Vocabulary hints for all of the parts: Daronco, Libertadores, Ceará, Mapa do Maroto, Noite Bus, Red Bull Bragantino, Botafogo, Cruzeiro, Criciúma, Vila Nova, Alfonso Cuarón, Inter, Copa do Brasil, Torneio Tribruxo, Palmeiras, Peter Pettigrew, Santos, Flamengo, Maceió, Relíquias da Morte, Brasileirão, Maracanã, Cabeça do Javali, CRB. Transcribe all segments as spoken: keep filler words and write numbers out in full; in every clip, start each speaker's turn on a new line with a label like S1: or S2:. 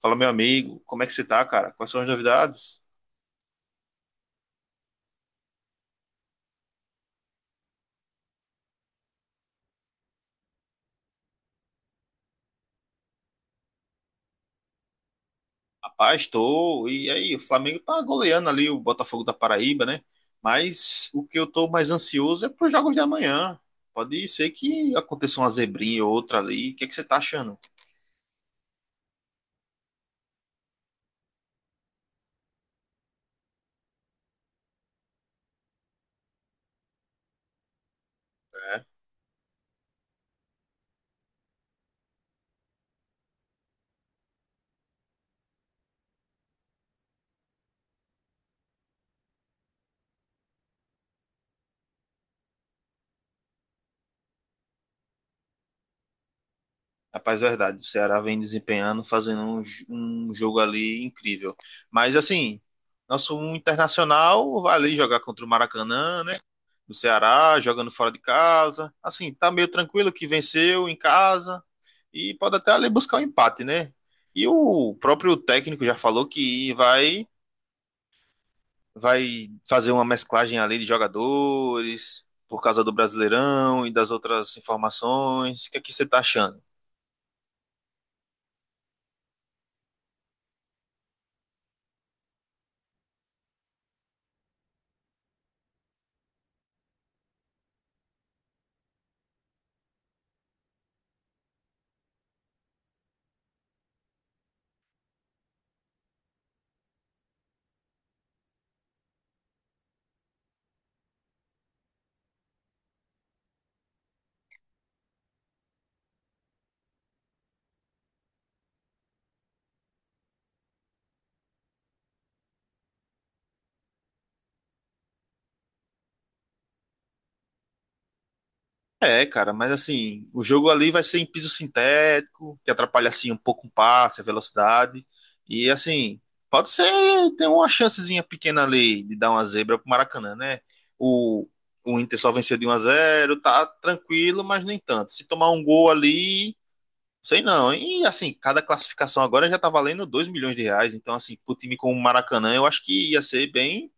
S1: Fala, meu amigo, como é que você tá, cara? Quais são as novidades? Rapaz, tô. E aí, o Flamengo tá goleando ali o Botafogo da Paraíba, né? Mas o que eu tô mais ansioso é pros jogos de amanhã. Pode ser que aconteça uma zebrinha ou outra ali. O que é que você tá achando? Rapaz, é verdade. O Ceará vem desempenhando, fazendo um, j- um jogo ali incrível. Mas, assim, nosso internacional vai ali jogar contra o Maracanã, né? Do Ceará, jogando fora de casa. Assim, tá meio tranquilo que venceu em casa e pode até ali buscar um empate, né? E o próprio técnico já falou que vai, vai fazer uma mesclagem ali de jogadores por causa do Brasileirão e das outras informações. O que é que você tá achando? É, cara, mas assim, o jogo ali vai ser em piso sintético, que atrapalha assim um pouco o passe, a velocidade. E assim, pode ser ter uma chancezinha pequena ali de dar uma zebra pro Maracanã, né? O, o Inter só venceu de um a zero, tá tranquilo, mas nem tanto. Se tomar um gol ali, sei não. E assim, cada classificação agora já tá valendo dois milhões de reais, então assim, pro time como o Maracanã, eu acho que ia ser bem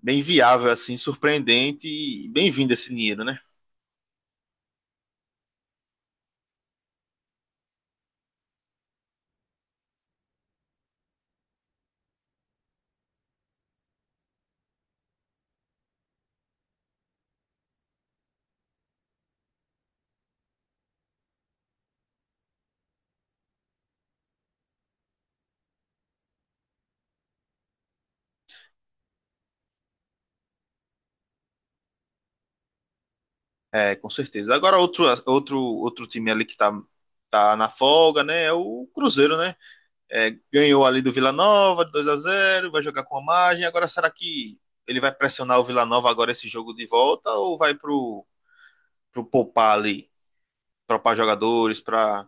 S1: bem viável assim, surpreendente e bem-vindo esse dinheiro, né? É, com certeza. Agora, outro, outro, outro time ali que tá, tá na folga, né? É o Cruzeiro, né? É, ganhou ali do Vila Nova, dois a zero vai jogar com a margem. Agora, será que ele vai pressionar o Vila Nova agora esse jogo de volta ou vai pro, pro poupar ali, poupar jogadores, pra.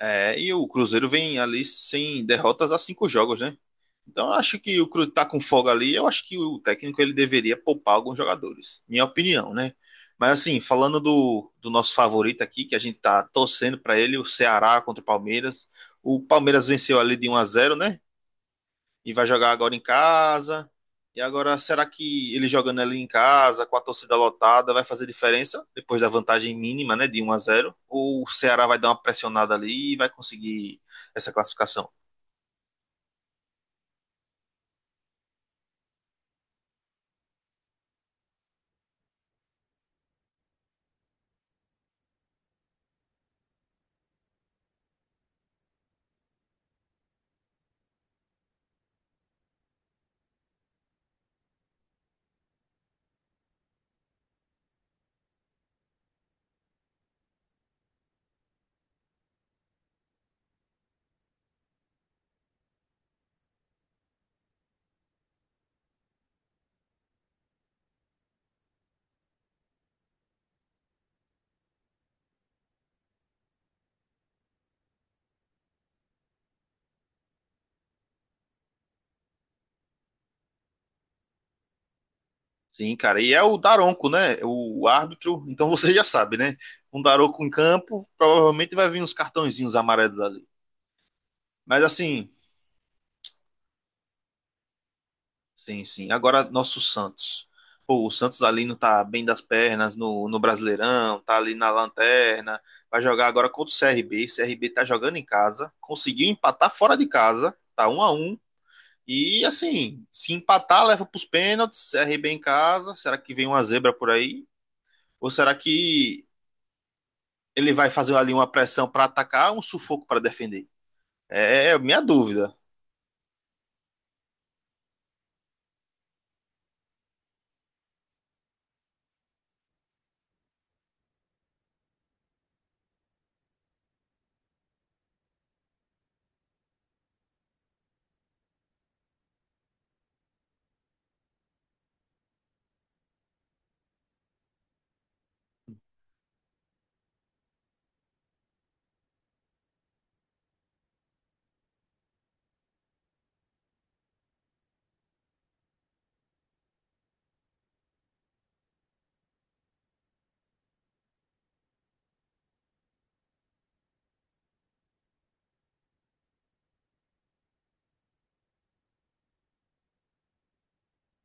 S1: É, e o Cruzeiro vem ali sem derrotas há cinco jogos, né? Então, eu acho que o Cruzeiro está com folga ali. Eu acho que o técnico ele deveria poupar alguns jogadores. Minha opinião, né? Mas assim, falando do, do nosso favorito aqui, que a gente tá torcendo para ele, o Ceará contra o Palmeiras. O Palmeiras venceu ali de um a zero, né? E vai jogar agora em casa. E agora, será que ele jogando ali em casa, com a torcida lotada, vai fazer diferença depois da vantagem mínima, né, de um a zero? Ou o Ceará vai dar uma pressionada ali e vai conseguir essa classificação? Sim, cara. E é o Daronco, né? O árbitro. Então você já sabe, né? Um Daronco em campo, provavelmente vai vir uns cartõezinhos amarelos ali. Mas assim, sim, sim. Agora nosso Santos. Pô, o Santos ali não tá bem das pernas no, no Brasileirão, tá ali na lanterna. Vai jogar agora contra o C R B. C R B tá jogando em casa, conseguiu empatar fora de casa, tá um a um. E assim, se empatar, leva pros pênaltis, C R B em casa. Será que vem uma zebra por aí? Ou será que ele vai fazer ali uma pressão para atacar, um sufoco para defender. É, é é minha dúvida.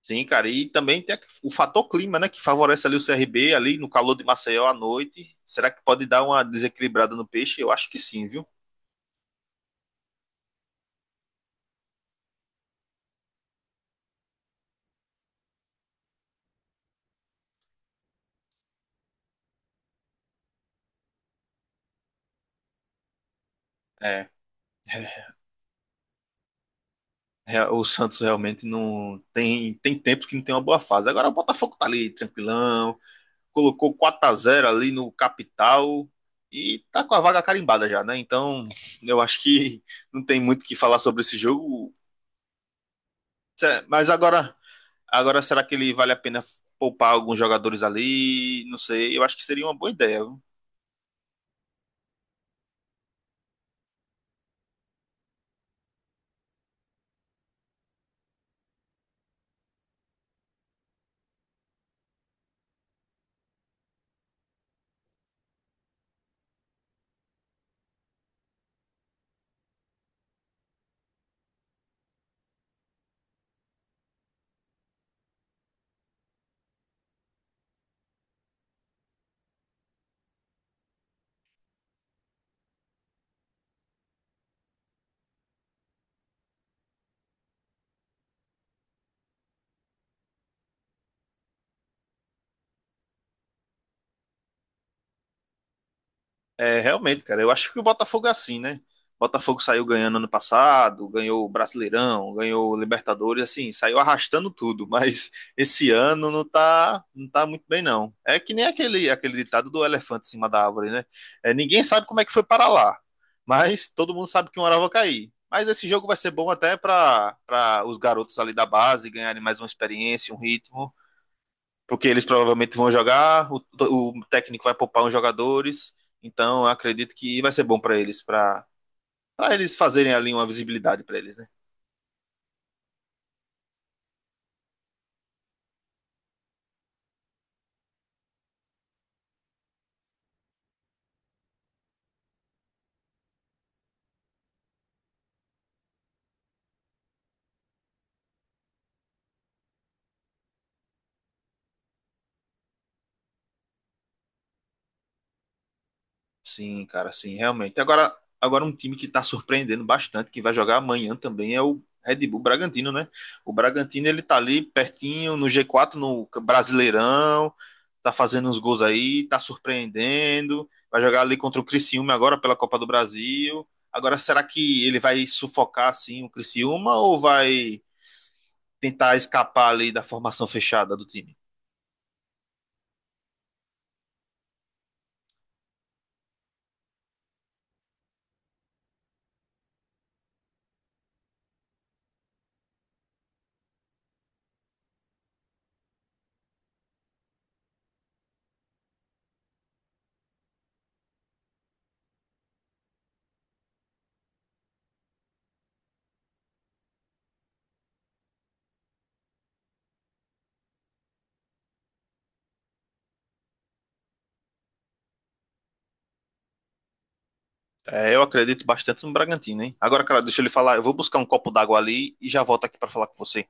S1: Sim, cara, e também tem o fator clima, né, que favorece ali o C R B ali no calor de Maceió à noite. Será que pode dar uma desequilibrada no peixe? Eu acho que sim, viu? É, é é, o Santos realmente não tem tem tempos que não tem uma boa fase. Agora o Botafogo tá ali tranquilão, colocou quatro a zero ali no capital e tá com a vaga carimbada já, né? Então, eu acho que não tem muito o que falar sobre esse jogo. Mas agora, Agora, será que ele vale a pena poupar alguns jogadores ali? Não sei. Eu acho que seria uma boa ideia, viu? É, realmente, cara. Eu acho que o Botafogo é assim, né? Botafogo saiu ganhando ano passado, ganhou o Brasileirão, ganhou o Libertadores, assim, saiu arrastando tudo, mas esse ano não tá, não tá muito bem, não. É que nem aquele, aquele ditado do elefante em cima da árvore, né? É, ninguém sabe como é que foi para lá, mas todo mundo sabe que uma hora vai cair. Mas esse jogo vai ser bom até para para os garotos ali da base ganharem mais uma experiência, um ritmo. Porque eles provavelmente vão jogar, o, o técnico vai poupar uns jogadores, então eu acredito que vai ser bom para eles, para eles fazerem ali uma visibilidade para eles, né? Sim, cara, sim, realmente. Agora, agora um time que está surpreendendo bastante, que vai jogar amanhã também, é o Red Bull Bragantino, né? O Bragantino, ele tá ali pertinho no G quatro, no Brasileirão, tá fazendo uns gols aí, tá surpreendendo, vai jogar ali contra o Criciúma agora pela Copa do Brasil. Agora, será que ele vai sufocar, assim, o Criciúma ou vai tentar escapar ali da formação fechada do time? É, eu acredito bastante no Bragantino, hein? Agora, cara, deixa ele falar. Eu vou buscar um copo d'água ali e já volto aqui pra falar com você.